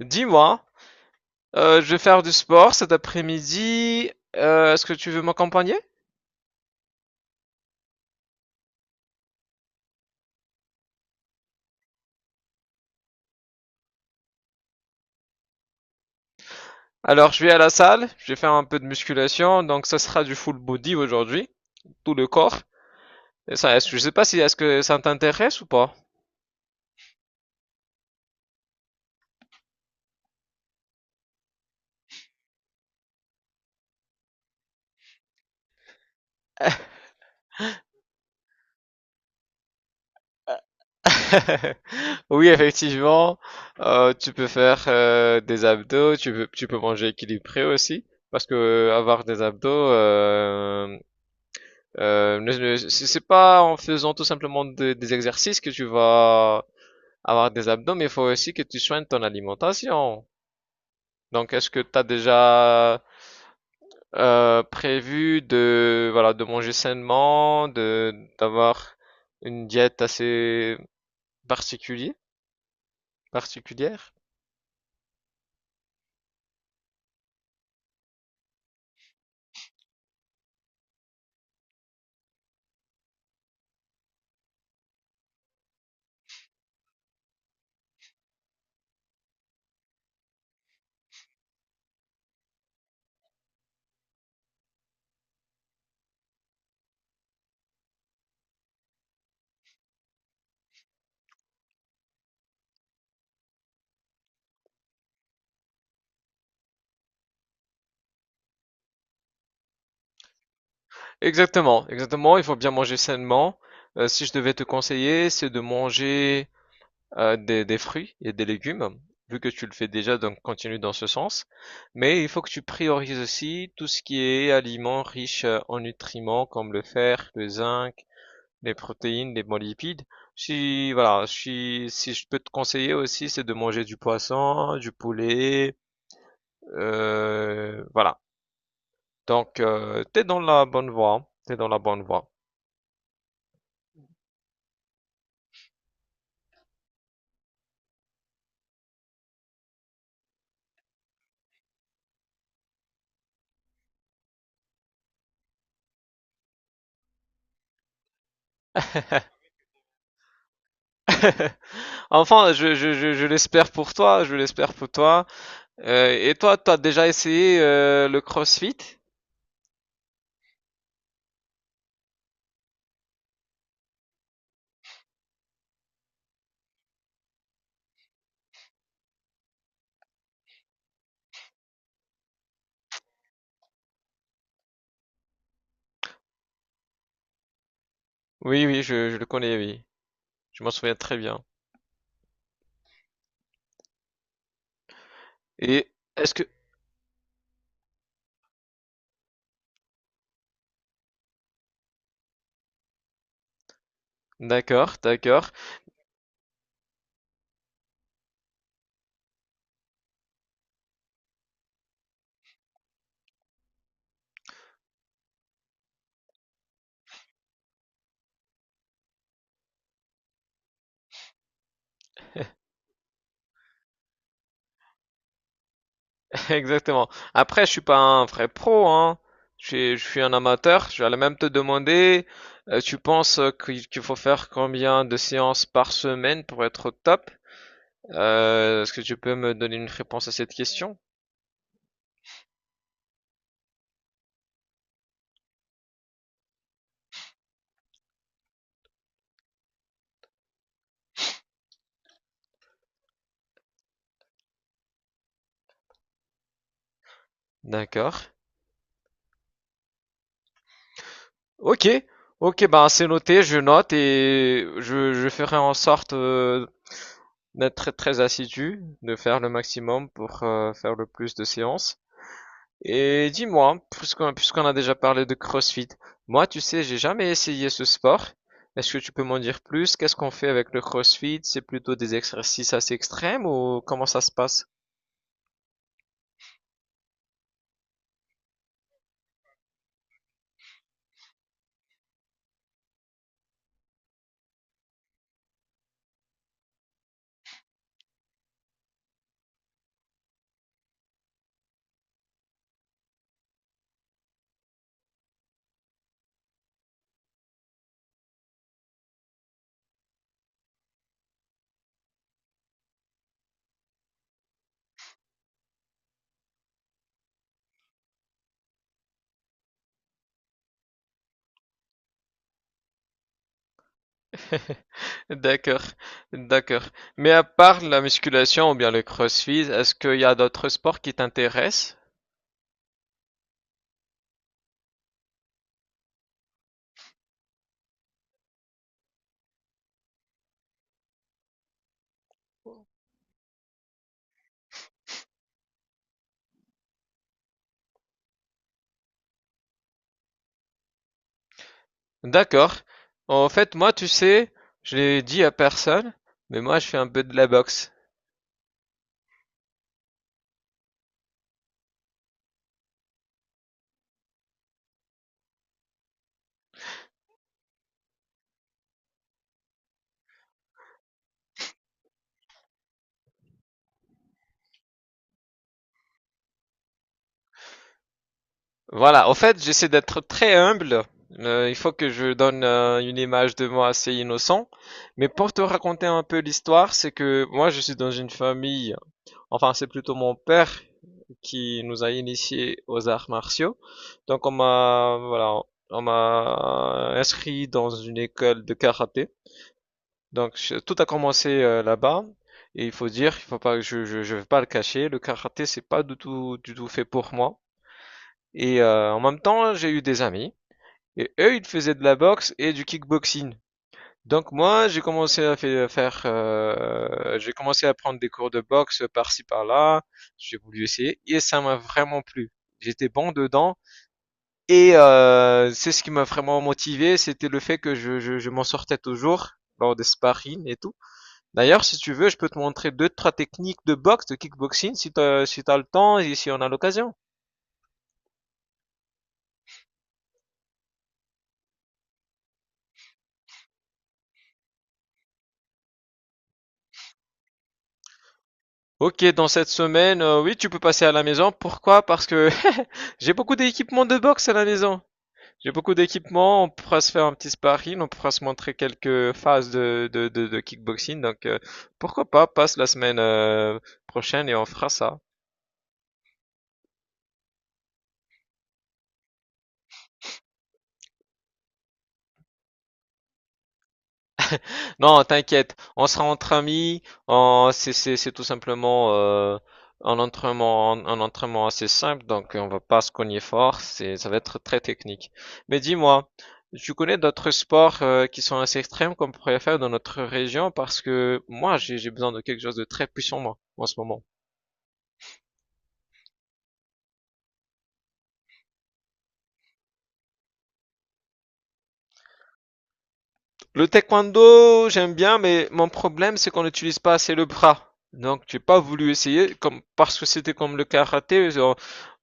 Dis-moi, je vais faire du sport cet après-midi. Est-ce que tu veux m'accompagner? Alors, je vais à la salle, je vais faire un peu de musculation, donc ça sera du full body aujourd'hui, tout le corps. Et ça, je sais pas si est-ce que ça t'intéresse ou pas. Oui, effectivement, tu peux faire des abdos, tu peux manger équilibré aussi, parce que avoir des abdos, c'est pas en faisant tout simplement des exercices que tu vas avoir des abdos, mais il faut aussi que tu soignes ton alimentation. Donc, est-ce que tu as déjà prévu de, voilà, de manger sainement, de, d'avoir une diète assez particulière, particulière? Exactement, exactement, il faut bien manger sainement. Si je devais te conseiller, c'est de manger, des fruits et des légumes, vu que tu le fais déjà, donc continue dans ce sens. Mais il faut que tu priorises aussi tout ce qui est aliments riches, en nutriments comme le fer, le zinc, les protéines, les bons lipides. Si voilà, si je peux te conseiller aussi, c'est de manger du poisson, du poulet, voilà. Donc, t'es dans la bonne voie, hein. T'es dans la bonne voie. Enfin, je l'espère pour toi, je l'espère pour toi. Et toi, t'as déjà essayé le CrossFit? Oui, oui, je le connais, oui. Je m'en souviens très bien. Et est-ce que... D'accord, d'accord. Exactement. Après, je suis pas un vrai pro, hein. Je suis un amateur. Je vais même te demander, tu penses qu'il faut faire combien de séances par semaine pour être au top? Est-ce que tu peux me donner une réponse à cette question? D'accord. Ok. Ok, ben c'est noté, je note et je ferai en sorte d'être très, très assidu, de faire le maximum pour faire le plus de séances. Et dis-moi, puisqu'on a déjà parlé de CrossFit, moi, tu sais, j'ai jamais essayé ce sport. Est-ce que tu peux m'en dire plus? Qu'est-ce qu'on fait avec le CrossFit? C'est plutôt des exercices assez extrêmes ou comment ça se passe? D'accord, d'accord. Mais à part la musculation ou bien le CrossFit, est-ce qu'il y a d'autres sports qui t'intéressent? D'accord. En fait, moi, tu sais, je l'ai dit à personne, mais moi, je fais un peu de la boxe. Voilà, en fait, j'essaie d'être très humble. Il faut que je donne une image de moi assez innocent. Mais pour te raconter un peu l'histoire, c'est que moi, je suis dans une famille, enfin, c'est plutôt mon père qui nous a initiés aux arts martiaux. Donc, on m'a, voilà, on m'a inscrit dans une école de karaté. Donc, tout a commencé là-bas. Et il faut dire, il faut pas, je vais pas le cacher, le karaté, c'est pas du tout, du tout fait pour moi. Et en même temps, j'ai eu des amis et eux, ils faisaient de la boxe et du kickboxing. Donc moi, j'ai commencé à fai- faire, j'ai commencé à prendre des cours de boxe par-ci par-là. J'ai voulu essayer et ça m'a vraiment plu. J'étais bon dedans et c'est ce qui m'a vraiment motivé, c'était le fait que je m'en sortais toujours lors des sparring et tout. D'ailleurs, si tu veux, je peux te montrer deux, trois techniques de boxe, de kickboxing, si t'as le temps et si on a l'occasion. Ok, dans cette semaine, oui, tu peux passer à la maison. Pourquoi? Parce que j'ai beaucoup d'équipements de boxe à la maison. J'ai beaucoup d'équipements. On pourra se faire un petit sparring, on pourra se montrer quelques phases de kickboxing. Donc, pourquoi pas, passe la semaine prochaine et on fera ça. Non, t'inquiète, on sera entre amis, c'est c'est tout simplement un entraînement, un entraînement assez simple, donc on va pas se cogner fort, c'est, ça va être très technique. Mais dis-moi, tu connais d'autres sports qui sont assez extrêmes qu'on pourrait faire dans notre région parce que moi j'ai besoin de quelque chose de très puissant moi en ce moment. Le taekwondo, j'aime bien, mais mon problème c'est qu'on n'utilise pas assez le bras. Donc j'ai pas voulu essayer comme parce que c'était comme le karaté,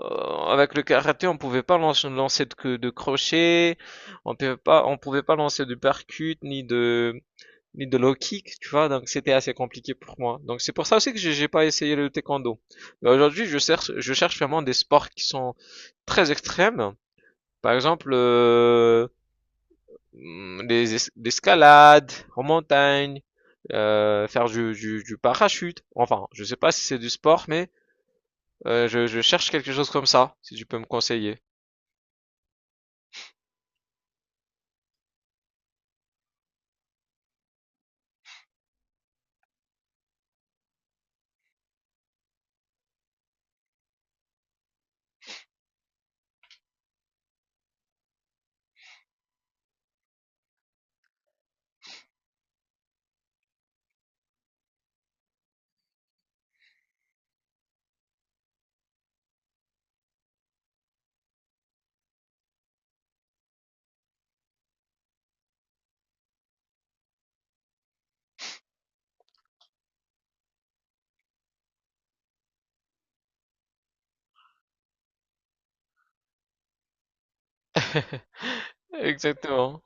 Avec le karaté, on pouvait pas lancer de crochet, on pouvait pas lancer de percute, ni de, ni de low kick, tu vois, donc c'était assez compliqué pour moi. Donc c'est pour ça aussi que j'ai pas essayé le taekwondo. Mais aujourd'hui, je cherche vraiment des sports qui sont très extrêmes. Par exemple, l'escalade en montagne, faire du parachute. Enfin, je sais pas si c'est du sport, mais je cherche quelque chose comme ça, si tu peux me conseiller. Exactement.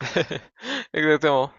Exactement.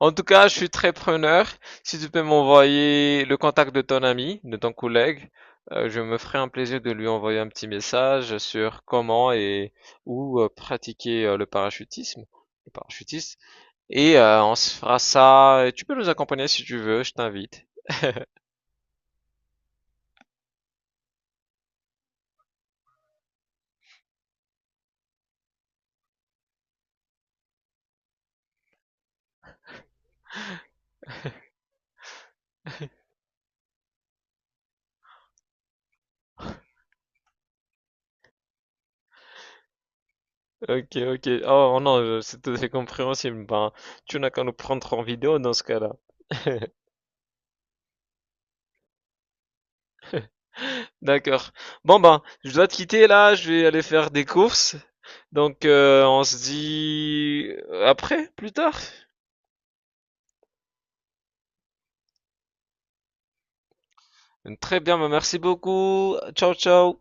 En tout cas, je suis très preneur. Si tu peux m'envoyer le contact de ton ami, de ton collègue, je me ferai un plaisir de lui envoyer un petit message sur comment et où pratiquer le parachutisme, le parachutiste. Et on se fera ça. Et tu peux nous accompagner si tu veux, je t'invite. Ok, ok. Oh non, c'est tout à fait compréhensible. Ben, tu n'as qu'à nous prendre en vidéo dans ce cas-là. D'accord. Bon ben, je dois te quitter là, je vais aller faire des courses. Donc on se dit après, plus tard. Très bien, ben, merci beaucoup. Ciao, ciao.